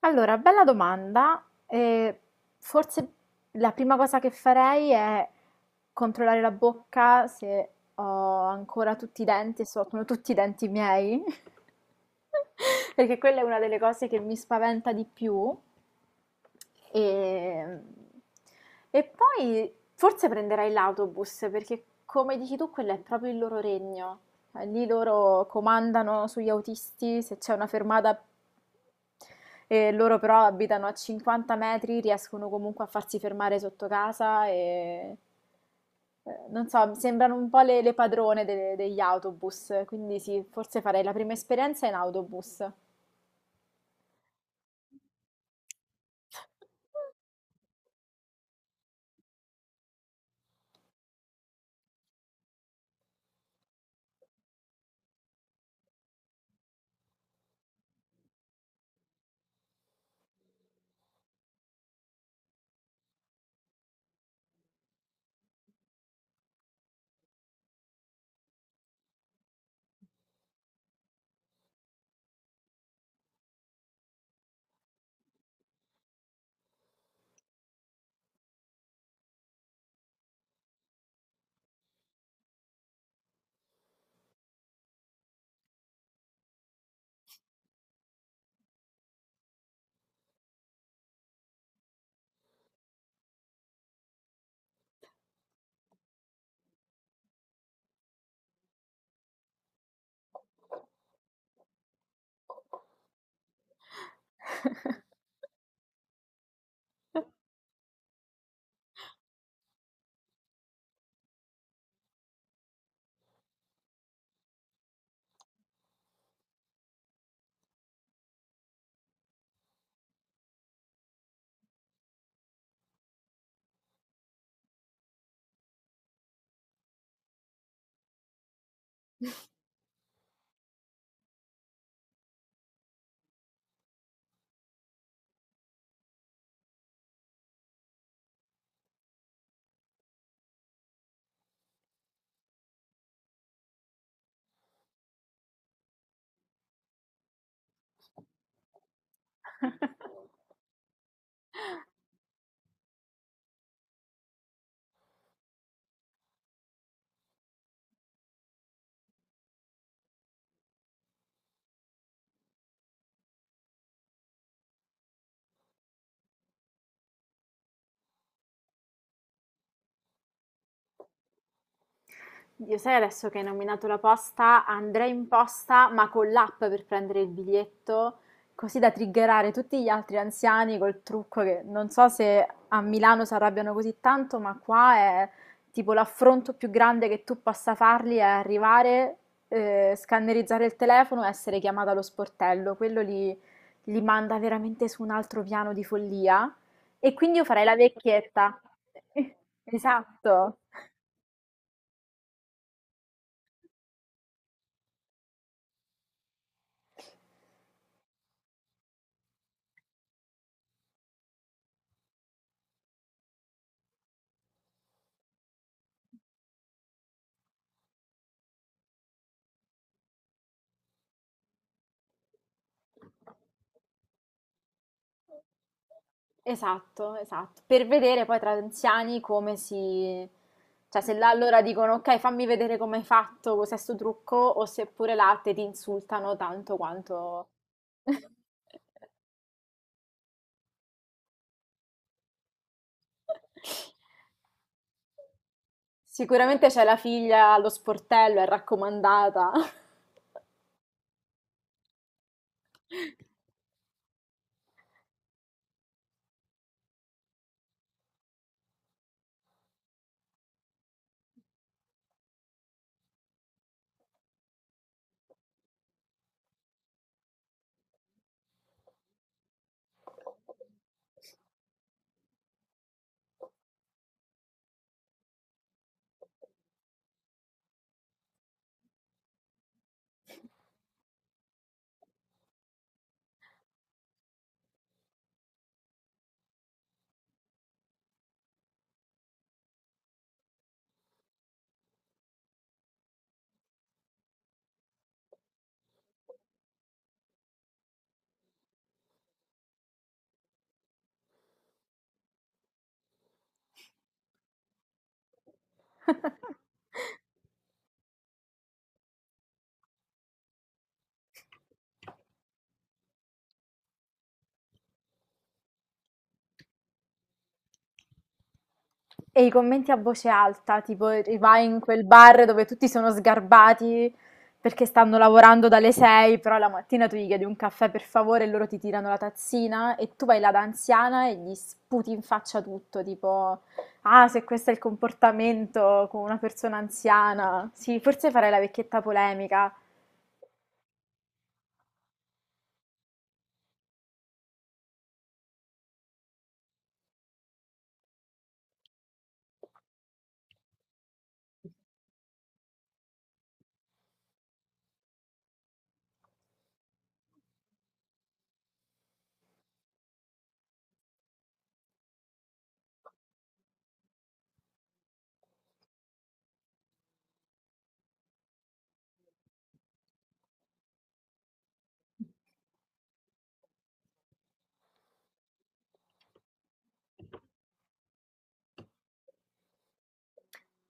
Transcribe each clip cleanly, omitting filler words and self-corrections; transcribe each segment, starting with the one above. Allora, bella domanda. Forse la prima cosa che farei è controllare la bocca se ho ancora tutti i denti e se sono tutti i denti miei, perché quella è una delle cose che mi spaventa di più. E, e poi forse prenderai l'autobus, perché come dici tu, quello è proprio il loro regno. Lì loro comandano sugli autisti se c'è una fermata e loro però abitano a 50 metri, riescono comunque a farsi fermare sotto casa e non so, mi sembrano un po' le padrone degli autobus, quindi sì, forse farei la prima esperienza in autobus. Io sai adesso che hai nominato la posta, andrei in posta ma con l'app per prendere il biglietto, così da triggerare tutti gli altri anziani col trucco che non so se a Milano si arrabbiano così tanto, ma qua è tipo l'affronto più grande che tu possa fargli è arrivare, scannerizzare il telefono e essere chiamata allo sportello. Li manda veramente su un altro piano di follia. E quindi io farei la vecchietta. Esatto. Esatto, esatto. Per vedere poi tra anziani come si... Cioè, se là allora dicono, ok, fammi vedere come hai fatto questo sto trucco, o se pure là te ti insultano tanto quanto... Sicuramente c'è la figlia allo sportello, è raccomandata. E i commenti a voce alta, tipo vai in quel bar dove tutti sono sgarbati perché stanno lavorando dalle 6, però la mattina tu gli chiedi un caffè per favore e loro ti tirano la tazzina e tu vai là da anziana e gli sputi in faccia tutto, tipo, ah, se questo è il comportamento con una persona anziana. Sì, forse farei la vecchietta polemica,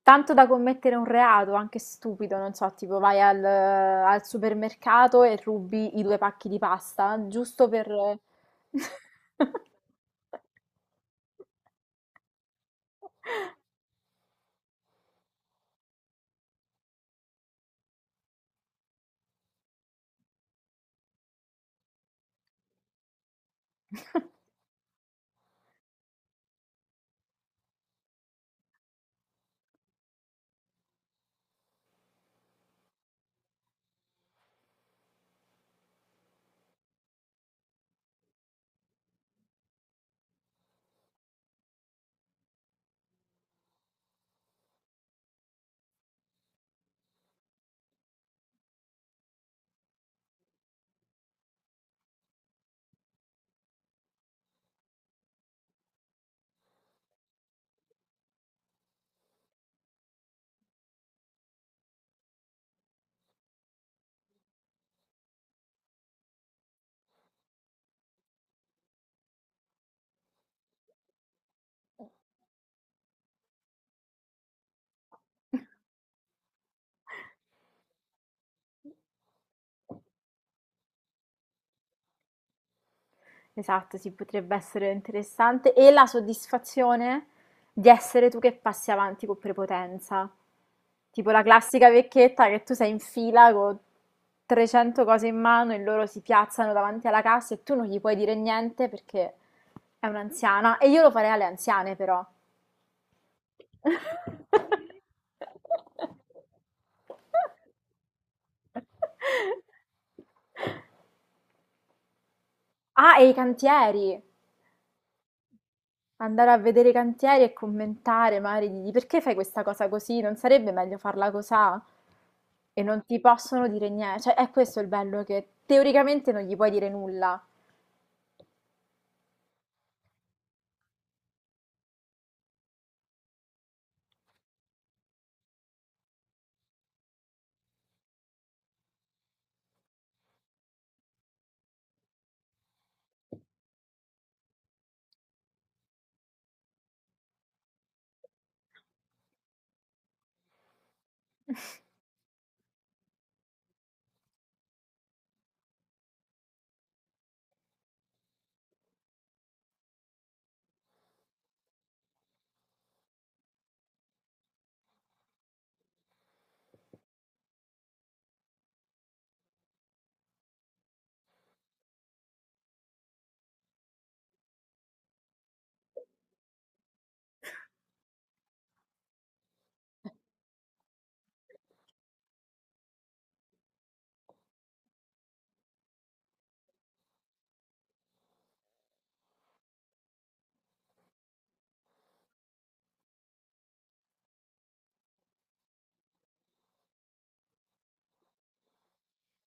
tanto da commettere un reato, anche stupido, non so, tipo vai al supermercato e rubi i 2 pacchi di pasta, giusto per... Esatto, sì, potrebbe essere interessante. E la soddisfazione di essere tu che passi avanti con prepotenza. Tipo la classica vecchietta che tu sei in fila con 300 cose in mano e loro si piazzano davanti alla cassa e tu non gli puoi dire niente perché è un'anziana. E io lo farei alle anziane, però. Ah, e i cantieri. Andare a vedere i cantieri e commentare, magari dirgli perché fai questa cosa così? Non sarebbe meglio farla cosà? E non ti possono dire niente. Cioè, è questo il bello che teoricamente non gli puoi dire nulla.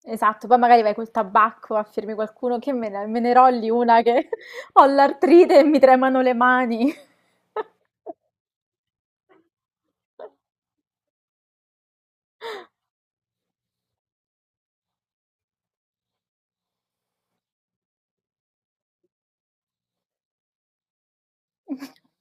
Esatto, poi magari vai col tabacco a firmi qualcuno che me ne rolli una che ho l'artrite e mi tremano le mani.